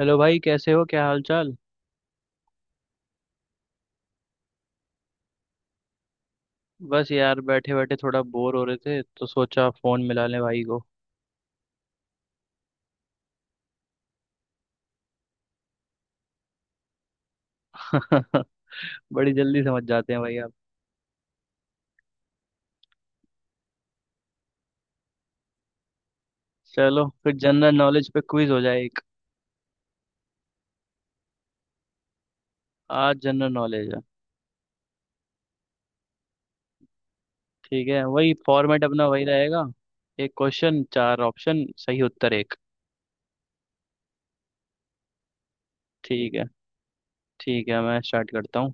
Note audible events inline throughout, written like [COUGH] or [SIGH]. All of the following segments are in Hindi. हेलो भाई, कैसे हो, क्या हाल चाल। बस यार बैठे बैठे थोड़ा बोर हो रहे थे तो सोचा फोन मिला लें भाई को। [LAUGHS] बड़ी जल्दी समझ जाते हैं भाई आप। चलो फिर जनरल नॉलेज पे क्विज हो जाए एक। आज जनरल नॉलेज है। ठीक है, वही फॉर्मेट अपना वही रहेगा। एक क्वेश्चन, चार ऑप्शन, सही उत्तर एक। ठीक है, ठीक है, मैं स्टार्ट करता हूँ।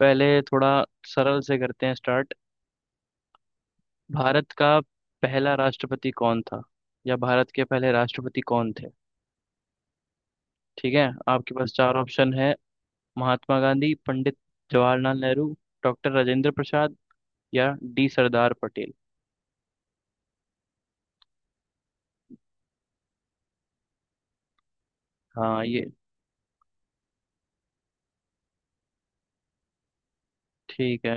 पहले थोड़ा सरल से करते हैं स्टार्ट। भारत का पहला राष्ट्रपति कौन था, या भारत के पहले राष्ट्रपति कौन थे। ठीक है, आपके पास चार ऑप्शन है। महात्मा गांधी, पंडित जवाहरलाल नेहरू, डॉक्टर राजेंद्र प्रसाद, या डी सरदार पटेल। हाँ ये ठीक है,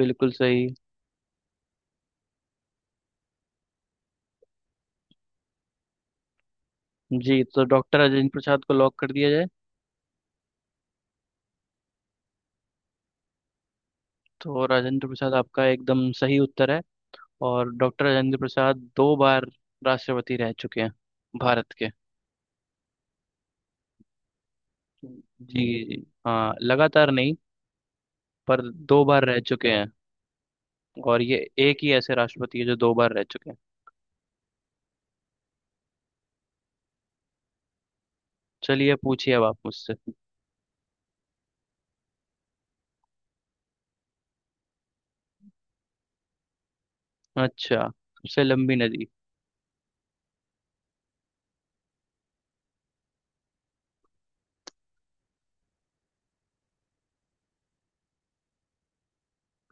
बिल्कुल सही। जी, तो डॉक्टर राजेंद्र प्रसाद को लॉक कर दिया जाए। तो राजेंद्र प्रसाद आपका एकदम सही उत्तर है। और डॉक्टर राजेंद्र प्रसाद दो बार राष्ट्रपति रह चुके हैं भारत के। जी जी हाँ, लगातार नहीं, पर दो बार रह चुके हैं। और ये एक ही ऐसे राष्ट्रपति है जो दो बार रह चुके हैं। चलिए पूछिए अब आप मुझसे। अच्छा, सबसे लंबी नदी।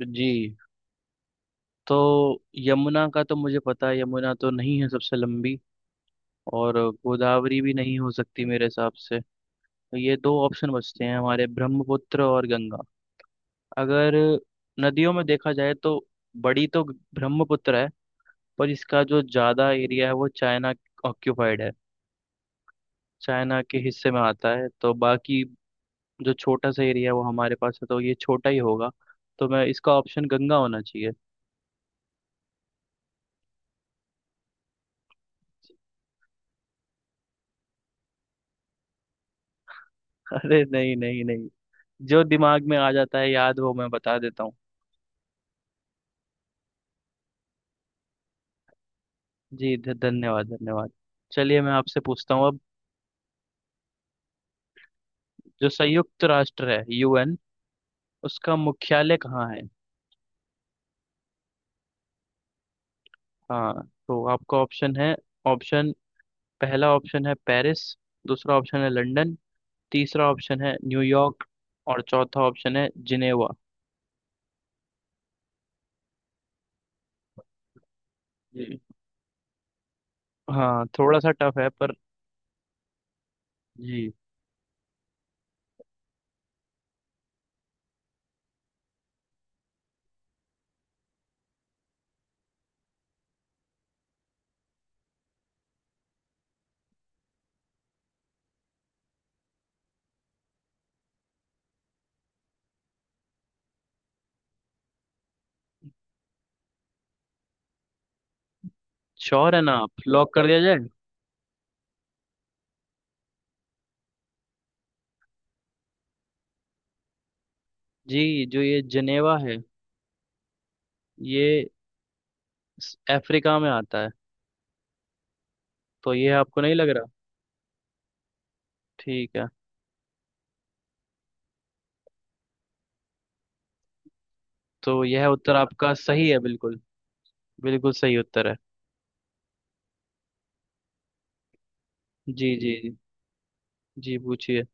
जी, तो यमुना का तो मुझे पता है, यमुना तो नहीं है सबसे लंबी। और गोदावरी भी नहीं हो सकती मेरे हिसाब से। तो ये दो ऑप्शन बचते हैं हमारे, ब्रह्मपुत्र और गंगा। अगर नदियों में देखा जाए तो बड़ी तो ब्रह्मपुत्र है, पर इसका जो ज़्यादा एरिया है वो चाइना ऑक्यूपाइड है, चाइना के हिस्से में आता है। तो बाकी जो छोटा सा एरिया है वो हमारे पास है, तो ये छोटा ही होगा। तो मैं, इसका ऑप्शन गंगा होना चाहिए। [LAUGHS] अरे नहीं नहीं नहीं, जो दिमाग में आ जाता है याद वो मैं बता देता हूँ। जी, धन्यवाद धन्यवाद। चलिए मैं आपसे पूछता हूँ अब। जो संयुक्त राष्ट्र है, यूएन, उसका मुख्यालय कहाँ है। हाँ तो आपका ऑप्शन है। ऑप्शन, पहला ऑप्शन है पेरिस, दूसरा ऑप्शन है लंदन, तीसरा ऑप्शन है न्यूयॉर्क, और चौथा ऑप्शन है जिनेवा। जी, हाँ थोड़ा सा टफ है पर। जी, श्योर है ना आप, लॉक कर दिया जाए। जी, जो ये जिनेवा है, ये अफ्रीका में आता है, तो ये आपको नहीं लग रहा। ठीक है, तो यह उत्तर आपका सही है बिल्कुल। बिल्कुल सही उत्तर है। जी जी जी। जी पूछिए।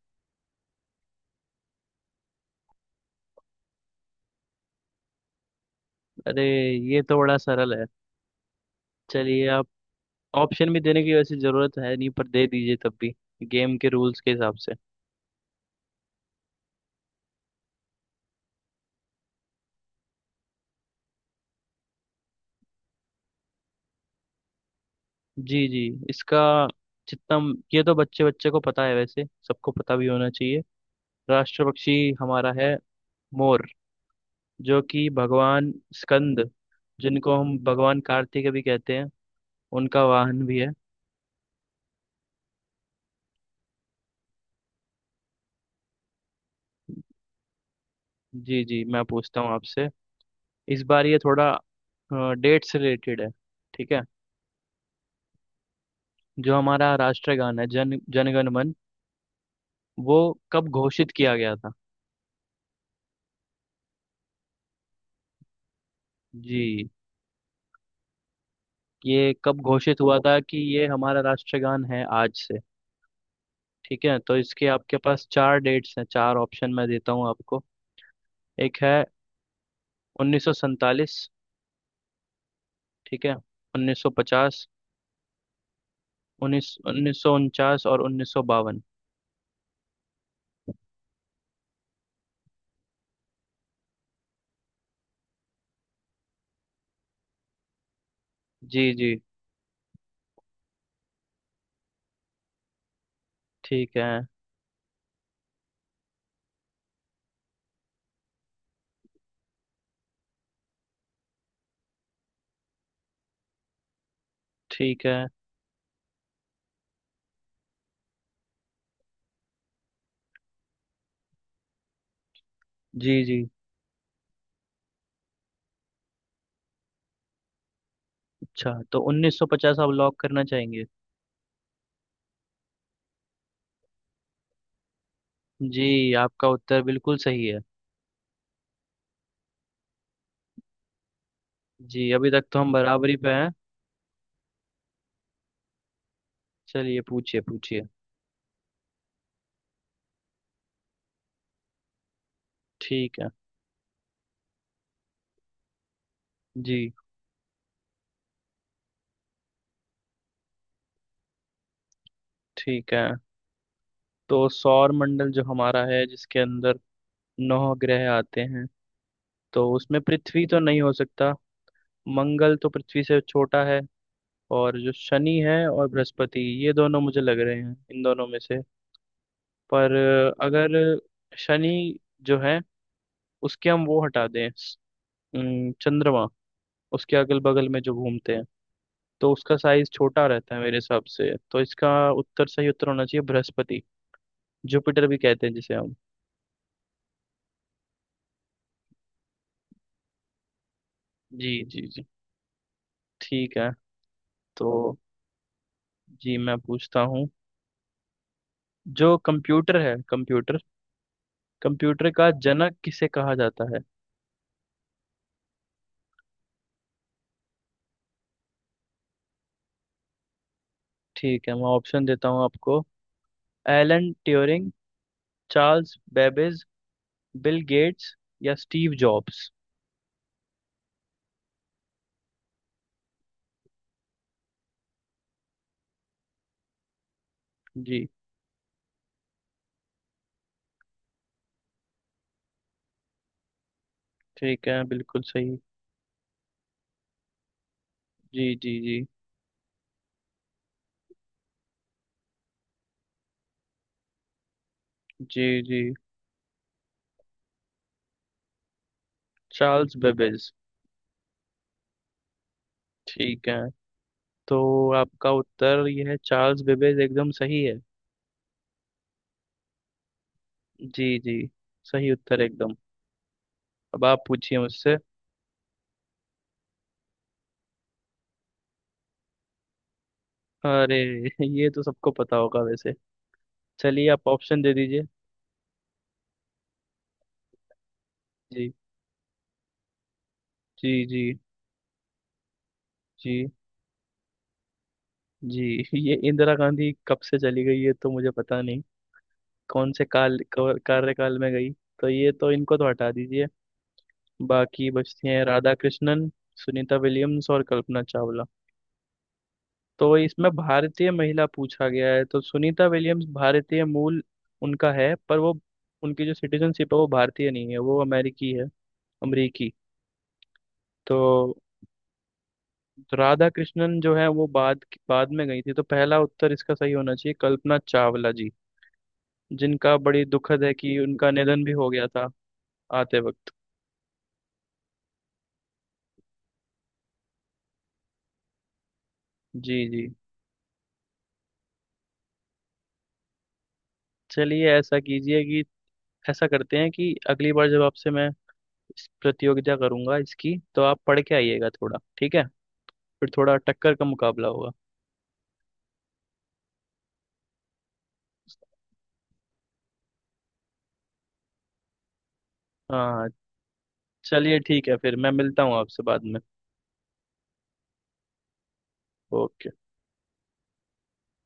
अरे, ये तो बड़ा सरल है। चलिए आप ऑप्शन भी देने की वैसे जरूरत है नहीं, पर दे दीजिए तब भी, गेम के रूल्स के हिसाब से। जी जी, इसका जितना, ये तो बच्चे बच्चे को पता है वैसे, सबको पता भी होना चाहिए। राष्ट्र पक्षी हमारा है मोर। जो कि भगवान स्कंद, जिनको हम भगवान कार्तिक भी कहते हैं, उनका वाहन भी है। जी जी, मैं पूछता हूँ आपसे। इस बार ये थोड़ा डेट से रिलेटेड है, ठीक है। जो हमारा राष्ट्रगान है, जन जनगण मन, वो कब घोषित किया गया था। जी, ये कब घोषित हुआ था कि ये हमारा राष्ट्रगान है आज से। ठीक है, तो इसके आपके पास चार डेट्स हैं, चार ऑप्शन मैं देता हूँ आपको। एक है 1947, ठीक है, 1950, उन्नीस 1949 और 1952। जी जी, ठीक है, ठीक है, जी जी। अच्छा, तो 1950 आप लॉक करना चाहेंगे। जी आपका उत्तर बिल्कुल सही है। जी, अभी तक तो हम बराबरी पे हैं। चलिए पूछिए पूछिए। ठीक है जी, ठीक है। तो सौर मंडल जो हमारा है, जिसके अंदर नौ ग्रह आते हैं, तो उसमें पृथ्वी तो नहीं हो सकता। मंगल तो पृथ्वी से छोटा है। और जो शनि है और बृहस्पति, ये दोनों मुझे लग रहे हैं, इन दोनों में से। पर अगर शनि जो है, उसके हम वो हटा दें, चंद्रमा उसके अगल बगल में जो घूमते हैं, तो उसका साइज छोटा रहता है मेरे हिसाब से। तो इसका उत्तर, सही उत्तर होना चाहिए बृहस्पति, जुपिटर भी कहते हैं जिसे हम। जी जी जी, ठीक है। तो जी मैं पूछता हूँ। जो कंप्यूटर है, कंप्यूटर, कंप्यूटर का जनक किसे कहा जाता है। ठीक है, मैं ऑप्शन देता हूँ आपको। Alan Turing, Charles Babbage, Bill Gates, या स्टीव जॉब्स। जी, ठीक है बिल्कुल सही। जी जी जी जी जी। चार्ल्स बेबेज, ठीक है। तो आपका उत्तर यह है, चार्ल्स बेबेज एकदम सही है। जी जी, सही उत्तर एकदम। अब आप पूछिए मुझसे। अरे [LAUGHS] ये तो सबको पता होगा वैसे। चलिए आप ऑप्शन दे दीजिए। जी जी जी जी जी। [LAUGHS] ये इंदिरा गांधी कब से चली गई, ये तो मुझे पता नहीं, कौन से काल कार्यकाल में गई। तो ये तो इनको तो हटा दीजिए। बाकी बचती हैं राधा कृष्णन, सुनीता विलियम्स और कल्पना चावला। तो इसमें भारतीय महिला पूछा गया है, तो सुनीता विलियम्स भारतीय मूल उनका है, पर वो, उनकी जो सिटीजनशिप है वो भारतीय नहीं है, वो अमेरिकी है, अमरीकी। तो तो राधा कृष्णन जो है वो बाद बाद में गई थी, तो पहला उत्तर इसका सही होना चाहिए कल्पना चावला जी, जिनका बड़ी दुखद है कि उनका निधन भी हो गया था आते वक्त। जी जी। चलिए ऐसा कीजिए कि, ऐसा करते हैं कि अगली बार जब आपसे मैं इस प्रतियोगिता करूंगा इसकी, तो आप पढ़ के आइएगा थोड़ा, ठीक है। फिर थोड़ा टक्कर का मुकाबला होगा। हाँ, चलिए ठीक है, फिर मैं मिलता हूँ आपसे बाद में। ओके।